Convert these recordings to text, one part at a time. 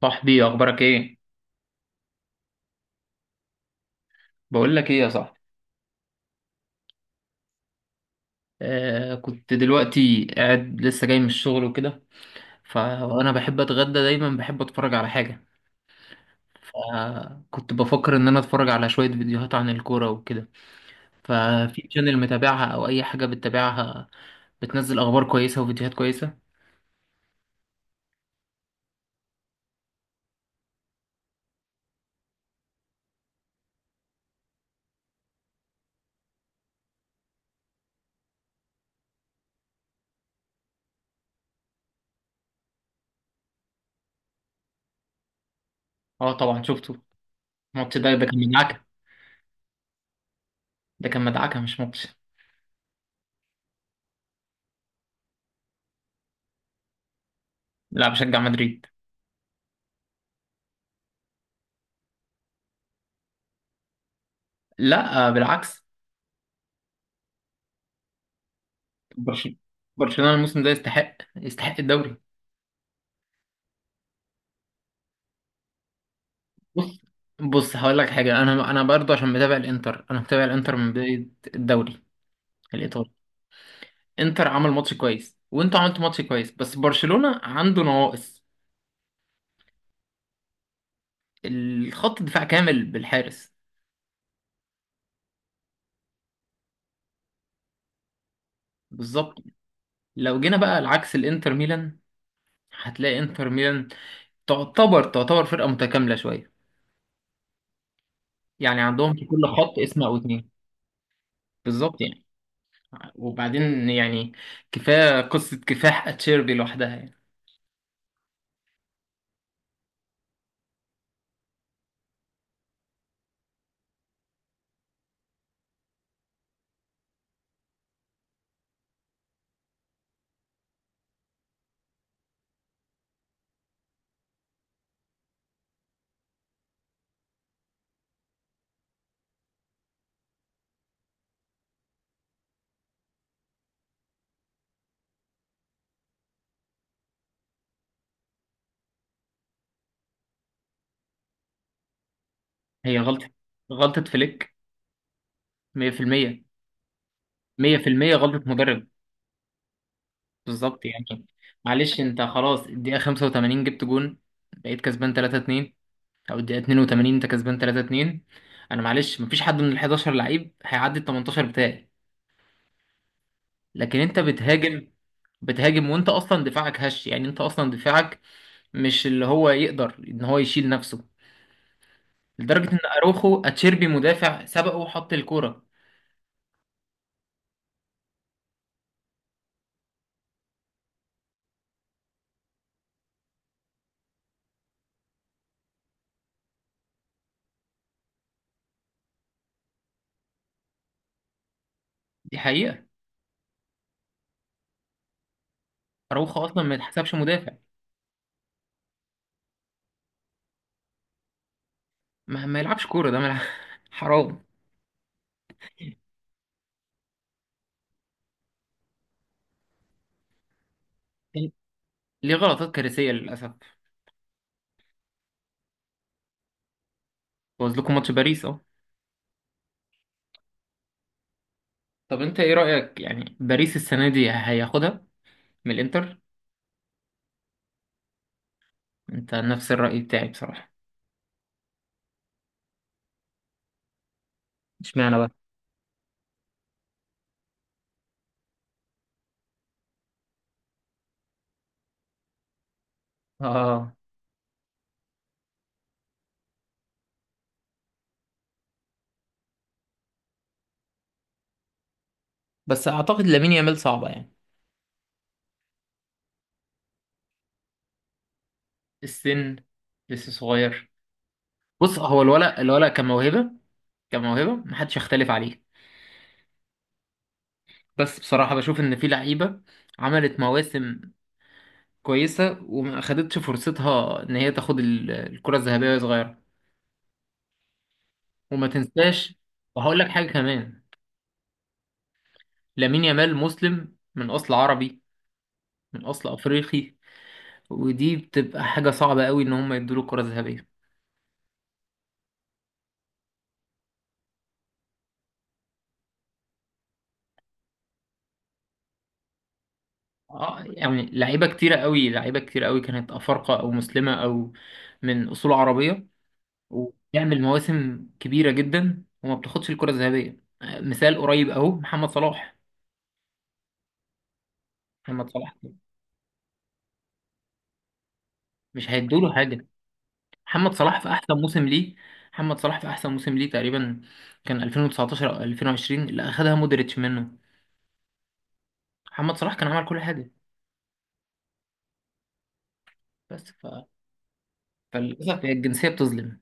صاحبي اخبارك ايه؟ بقول لك ايه يا صاحبي. كنت دلوقتي قاعد لسه جاي من الشغل وكده، فانا بحب اتغدى دايما، بحب اتفرج على حاجه. فكنت بفكر ان انا اتفرج على شويه فيديوهات عن الكوره وكده، ففي شانل متابعها او اي حاجه بتتابعها بتنزل اخبار كويسه وفيديوهات كويسه. اه طبعا شفته. الماتش ده كان مدعكه، ده كان مدعكه مش ماتش. لا، بشجع مدريد. لا بالعكس. برشلونه، برشلونه الموسم ده يستحق، يستحق الدوري. بص، بص هقول لك حاجه. انا برضه عشان متابع الانتر، من بدايه الدوري الايطالي. انتر عمل ماتش كويس وانتوا عملتوا ماتش كويس، بس برشلونه عنده نواقص. الخط الدفاع كامل بالحارس. بالظبط. لو جينا بقى العكس الانتر ميلان، هتلاقي انتر ميلان تعتبر فرقه متكامله شويه، يعني عندهم في كل خط اسم او اتنين. بالظبط يعني. وبعدين يعني كفايه قصه كفاح اتشيربي لوحدها يعني. هي غلطه فليك، 100%، مية في المية غلطة مدرب. بالظبط يعني. معلش انت خلاص، الدقيقة خمسة وتمانين جبت جون، بقيت كسبان تلاتة اتنين. أو الدقيقة اتنين وتمانين أنت كسبان تلاتة اتنين. أنا معلش مفيش حد من الحداشر لعيب هيعدي التمنتاشر بتاعي. لكن أنت بتهاجم، بتهاجم وأنت أصلا دفاعك هش، يعني أنت أصلا دفاعك مش اللي هو يقدر إن هو يشيل نفسه، لدرجة إن أروخو أتشيربي مدافع سبقه وحط الكورة. دي حقيقة. أروخو أصلا ما يتحسبش مدافع، ما يلعبش كورة، ده ملعب. حرام. ليه غلطات كارثية للأسف. بوظ لكم ماتش باريس اهو. طب انت ايه رأيك يعني، باريس السنة دي هياخدها من الانتر؟ انت نفس الرأي بتاعي بصراحة. اشمعنى بقى؟ اه بس اعتقد لامين يامال صعبة يعني. السن، لسه صغير. بص، هو الولد، الولد كموهبة، كموهبة محدش يختلف عليه. بس بصراحة بشوف ان في لعيبة عملت مواسم كويسة وما اخدتش فرصتها ان هي تاخد الكرة الذهبية وهي صغيرة. وما تنساش، وهقول لك حاجة كمان، لامين يامال مسلم من اصل عربي، من اصل افريقي. ودي بتبقى حاجه صعبه قوي ان هم يدوا له كره ذهبيه. اه يعني لعيبه كتيره قوي، لعيبه كتير قوي كانت افارقه او مسلمه او من اصول عربيه وبيعمل مواسم كبيره جدا وما بتاخدش الكره الذهبيه. مثال قريب اهو محمد صلاح. محمد صلاح مش هيدوا له حاجه. محمد صلاح في احسن موسم ليه، محمد صلاح في احسن موسم ليه تقريبا كان 2019 او 2020 اللي اخدها مودريتش منه. محمد صلاح كان عمل كل حاجه. بس ف... فللأسف هي الجنسية بتظلم.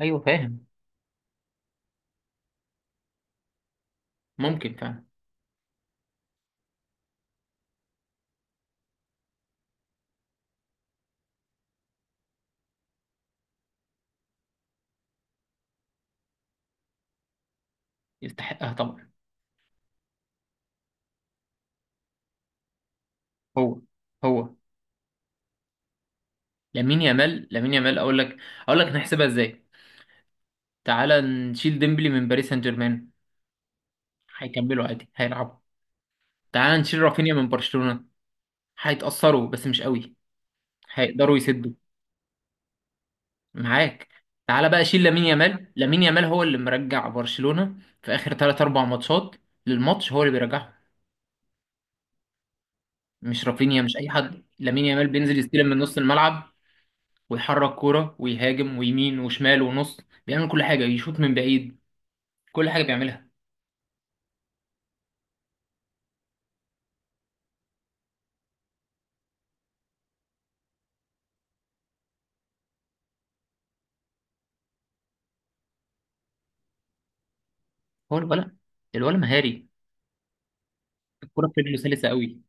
أيوه فاهم. ممكن فعلا. يستحقها طبعا. هو هو. لامين يامال، أقول لك، أقول لك نحسبها إزاي. تعالى نشيل ديمبلي من باريس سان جيرمان، هيكملوا عادي، هيلعبوا. تعالى نشيل رافينيا من برشلونة، هيتأثروا بس مش قوي، هيقدروا يسدوا. معاك. تعالى بقى شيل لامين يامال، هو اللي مرجع برشلونة في آخر 3 4 ماتشات، للماتش هو اللي بيرجعهم، مش رافينيا مش أي حد. لامين يامال بينزل يستلم من نص الملعب ويحرك كورة ويهاجم ويمين وشمال ونص، بيعمل كل حاجة، يشوط من بعيد، كل حاجة بيعملها. هو الولد، الولد مهاري، الكورة في رجله سلسة قوي.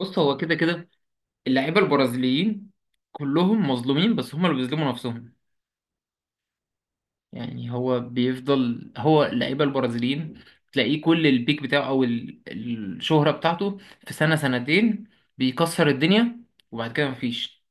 فبص هو كده كده اللعيبة البرازيليين كلهم مظلومين، بس هم اللي بيظلموا نفسهم. يعني هو بيفضل هو اللعيبة البرازيليين تلاقيه كل البيك بتاعه أو الشهرة بتاعته في سنة سنتين بيكسر الدنيا، وبعد كده مفيش.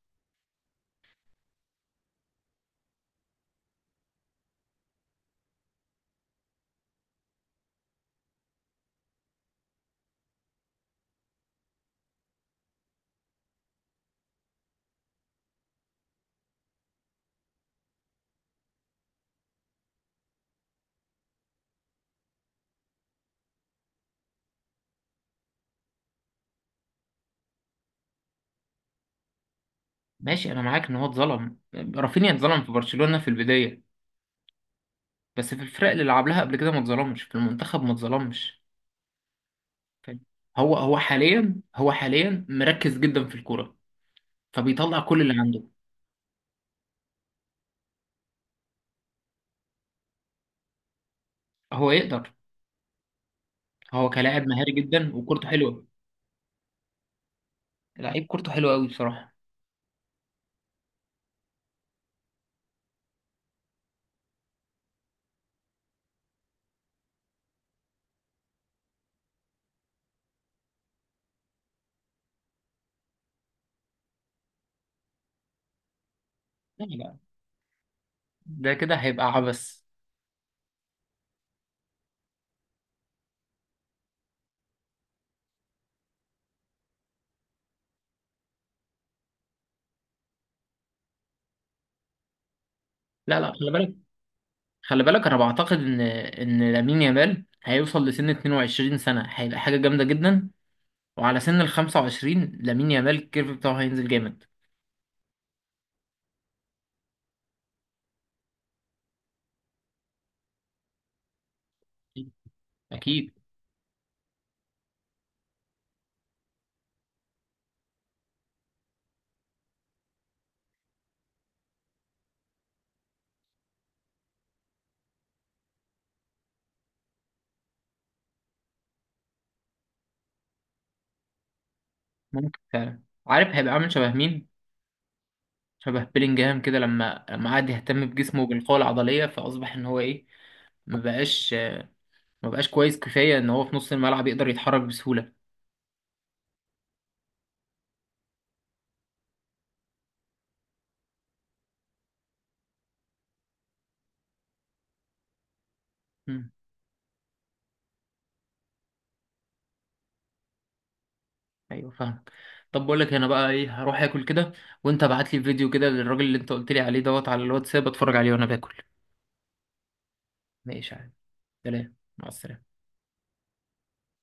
ماشي أنا معاك إن هو اتظلم، رافينيا اتظلم في برشلونة في البداية، بس في الفرق اللي لعب لها قبل كده ما اتظلمش، في المنتخب ما اتظلمش. فاهم؟ هو هو حاليا هو حاليا مركز جدا في الكوره، فبيطلع كل اللي عنده. هو يقدر، هو كلاعب مهاري جدا وكورته حلوه. لعيب كورته حلوه قوي بصراحه. لا لا، ده كده هيبقى عبث. لا لا، خلي بالك، خلي بالك انا بعتقد ان لامين يامال هيوصل لسن 22 سنه هيبقى حاجه جامده جدا، وعلى سن ال 25 لامين يامال الكيرف بتاعه هينزل جامد. اكيد. ممكن فعلا، عارف هيبقى عامل شبه مين؟ شبه بيلينجهام كده، لما قعد يهتم بجسمه وبالقوة العضلية، فأصبح إن هو إيه، ما بقاش ما بقاش كويس كفاية إن هو في نص الملعب يقدر يتحرك بسهولة. مم. أيوه فاهمك. طب بقول لك أنا بقى إيه، هروح آكل كده، وأنت ابعت لي فيديو كده للراجل اللي أنت قلت لي عليه دوت على الواتساب أتفرج عليه وأنا باكل. ماشي يا عم. سلام، مع السلامة.